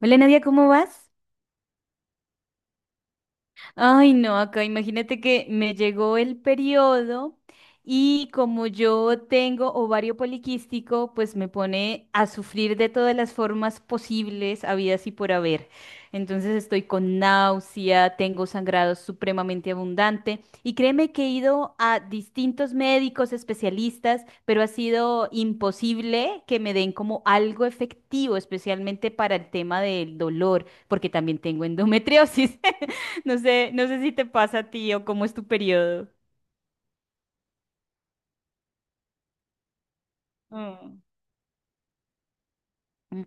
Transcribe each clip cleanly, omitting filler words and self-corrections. Hola Nadia, ¿cómo vas? Ay, no, acá imagínate que me llegó el periodo y como yo tengo ovario poliquístico, pues me pone a sufrir de todas las formas posibles, habidas y por haber. Entonces estoy con náusea, tengo sangrado supremamente abundante y créeme que he ido a distintos médicos especialistas, pero ha sido imposible que me den como algo efectivo, especialmente para el tema del dolor, porque también tengo endometriosis. No sé, no sé si te pasa a ti o cómo es tu periodo. Mm. Mm.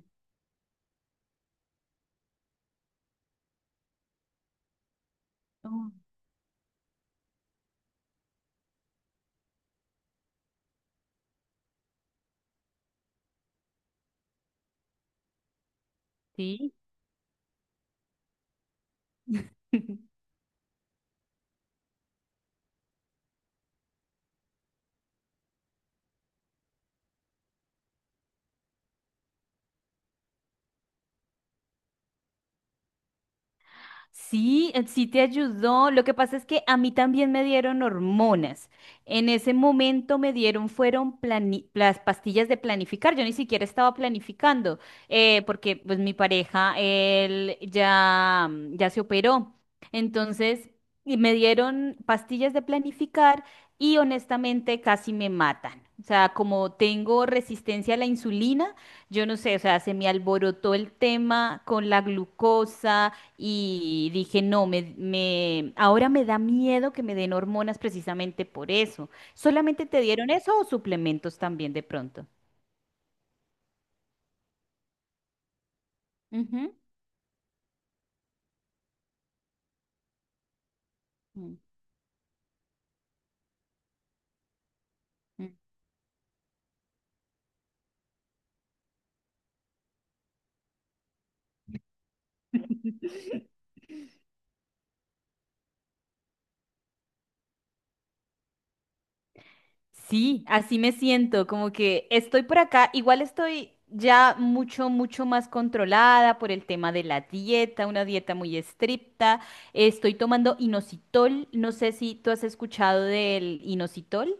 Oh. Sí. Sí, sí te ayudó. Lo que pasa es que a mí también me dieron hormonas. En ese momento me dieron, fueron las pastillas de planificar. Yo ni siquiera estaba planificando, porque pues mi pareja, él ya, ya se operó. Entonces, y me dieron pastillas de planificar y honestamente casi me matan. O sea, como tengo resistencia a la insulina, yo no sé, o sea, se me alborotó el tema con la glucosa y dije, no, ahora me da miedo que me den hormonas precisamente por eso. ¿Solamente te dieron eso o suplementos también de pronto? Ujú. Mm, mm. Sí, así me siento, como que estoy por acá, igual estoy ya mucho, mucho más controlada por el tema de la dieta, una dieta muy estricta. Estoy tomando inositol, no sé si tú has escuchado del inositol.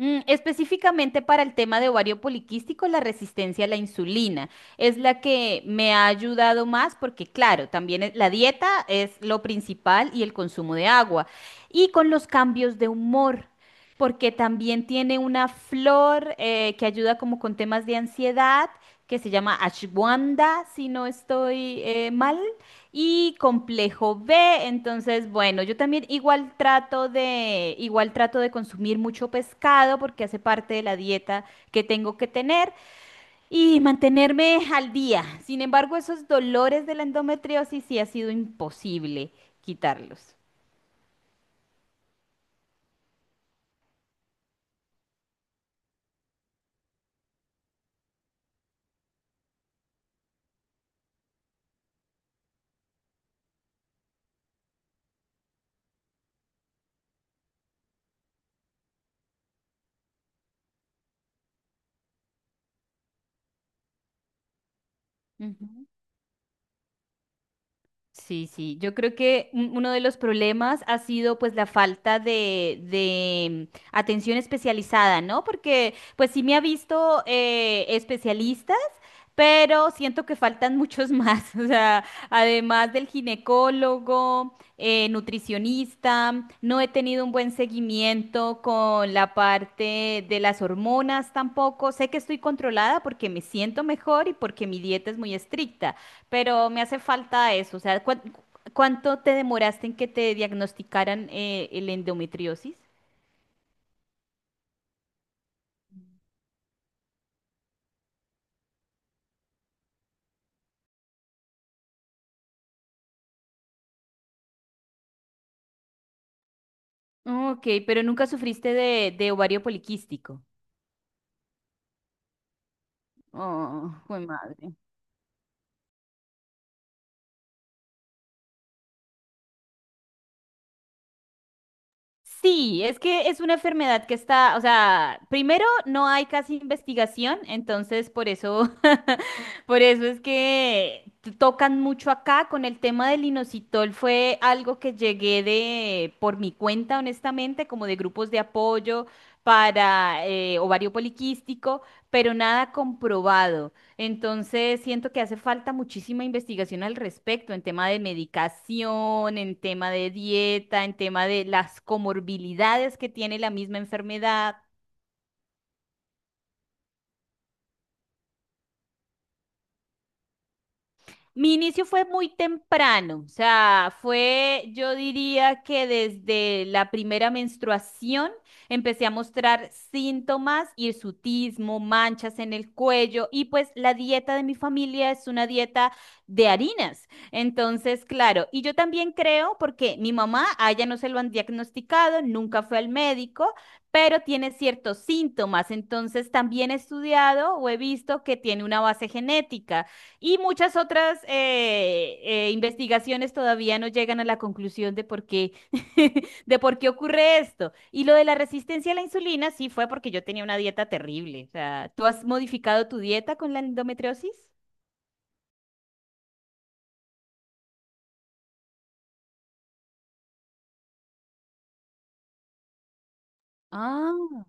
Mm, específicamente para el tema de ovario poliquístico, la resistencia a la insulina es la que me ha ayudado más porque, claro, también la dieta es lo principal y el consumo de agua. Y con los cambios de humor, porque también tiene una flor que ayuda como con temas de ansiedad, que se llama ashwanda, si no estoy mal y complejo B. Entonces, bueno, yo también igual trato de consumir mucho pescado porque hace parte de la dieta que tengo que tener y mantenerme al día. Sin embargo, esos dolores de la endometriosis sí ha sido imposible quitarlos. Ujú. Sí, sí, yo creo que uno de los problemas ha sido pues la falta de atención especializada, ¿no? Porque pues sí me ha visto especialistas, pero siento que faltan muchos más, o sea, además del ginecólogo, nutricionista, no he tenido un buen seguimiento con la parte de las hormonas tampoco, sé que estoy controlada porque me siento mejor y porque mi dieta es muy estricta pero me hace falta eso. O sea, ¿cuánto te demoraste en que te diagnosticaran el endometriosis? Ok, pero nunca sufriste de ovario poliquístico. Oh, jue madre. Sí, es que es una enfermedad que está, o sea, primero no hay casi investigación, entonces por eso, por eso es que tocan mucho acá con el tema del inositol, fue algo que llegué de por mi cuenta, honestamente, como de grupos de apoyo para ovario poliquístico, pero nada comprobado. Entonces, siento que hace falta muchísima investigación al respecto en tema de medicación, en tema de dieta, en tema de las comorbilidades que tiene la misma enfermedad. Mi inicio fue muy temprano, o sea, fue, yo diría que desde la primera menstruación empecé a mostrar síntomas, hirsutismo, manchas en el cuello y pues la dieta de mi familia es una dieta de harinas. Entonces, claro, y yo también creo porque mi mamá, a ella no se lo han diagnosticado, nunca fue al médico, pero tiene ciertos síntomas. Entonces, también he estudiado o he visto que tiene una base genética. Y muchas otras investigaciones todavía no llegan a la conclusión de por qué, de por qué ocurre esto. Y lo de la resistencia a la insulina sí fue porque yo tenía una dieta terrible. O sea, ¿tú has modificado tu dieta con la endometriosis? Ah.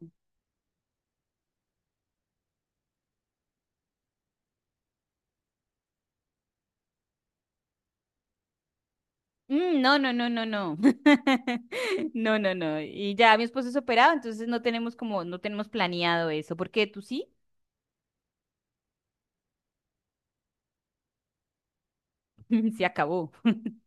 Mm, no, no, no, no, no. No, no, no. Y ya mi esposo es operado, entonces no tenemos como, no tenemos planeado eso, porque tú sí, se acabó.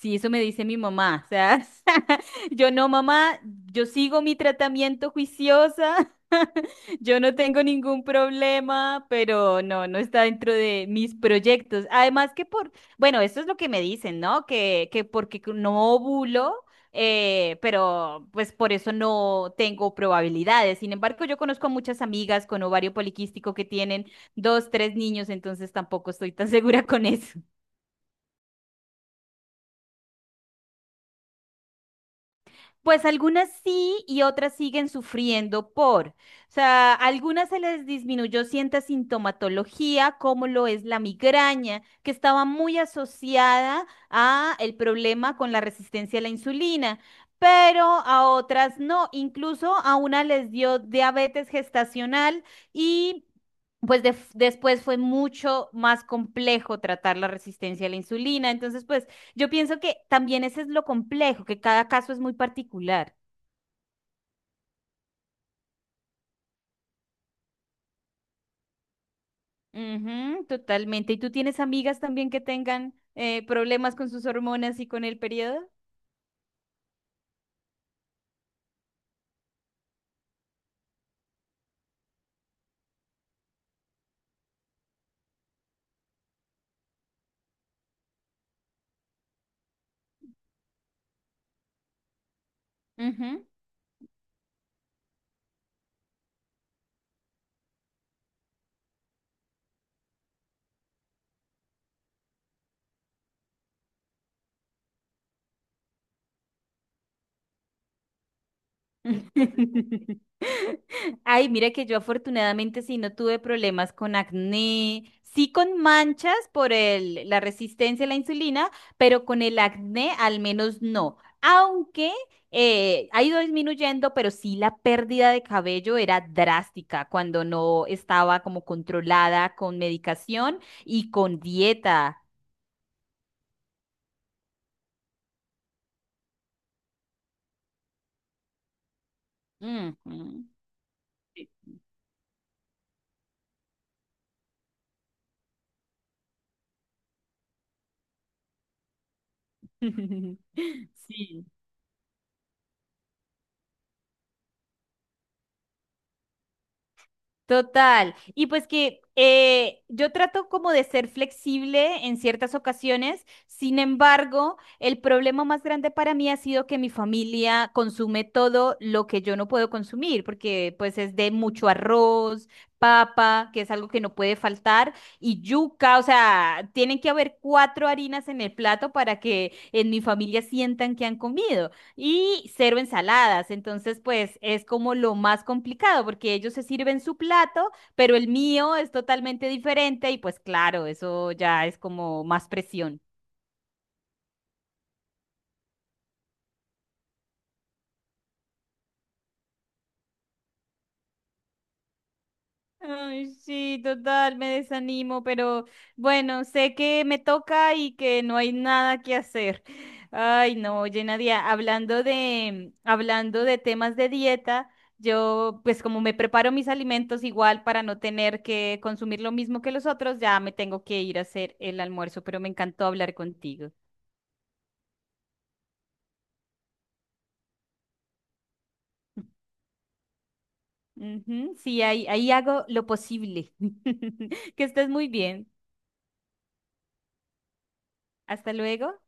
Sí, eso me dice mi mamá. O sea, yo no, mamá, yo sigo mi tratamiento juiciosa, yo no tengo ningún problema, pero no, no está dentro de mis proyectos. Además que por, bueno, eso es lo que me dicen, ¿no? Que porque que no ovulo, pero pues por eso no tengo probabilidades. Sin embargo, yo conozco a muchas amigas con ovario poliquístico que tienen dos, tres niños, entonces tampoco estoy tan segura con eso. Pues algunas sí y otras siguen sufriendo por. O sea, algunas se les disminuyó cierta sintomatología, como lo es la migraña, que estaba muy asociada a el problema con la resistencia a la insulina, pero a otras no. Incluso a una les dio diabetes gestacional y pues después fue mucho más complejo tratar la resistencia a la insulina. Entonces, pues yo pienso que también ese es lo complejo, que cada caso es muy particular. Ujú, totalmente. ¿Y tú tienes amigas también que tengan problemas con sus hormonas y con el periodo? Ujú. Ay, mira que yo afortunadamente sí no tuve problemas con acné, sí con manchas por el, la resistencia a la insulina, pero con el acné al menos no. Aunque ha ido disminuyendo, pero sí la pérdida de cabello era drástica cuando no estaba como controlada con medicación y con dieta. Ujú. Sí. Total. Y pues que yo trato como de ser flexible en ciertas ocasiones, sin embargo, el problema más grande para mí ha sido que mi familia consume todo lo que yo no puedo consumir, porque pues es de mucho arroz, papa, que es algo que no puede faltar, y yuca, o sea, tienen que haber cuatro harinas en el plato para que en mi familia sientan que han comido y cero ensaladas. Entonces, pues es como lo más complicado porque ellos se sirven su plato, pero el mío es totalmente diferente y pues claro, eso ya es como más presión. Ay, sí, total, me desanimo, pero bueno, sé que me toca y que no hay nada que hacer. Ay, no, oye, Nadia, hablando de temas de dieta, yo pues como me preparo mis alimentos igual para no tener que consumir lo mismo que los otros, ya me tengo que ir a hacer el almuerzo, pero me encantó hablar contigo. Ujú, sí, ahí, ahí hago lo posible. Que estés muy bien. Hasta luego.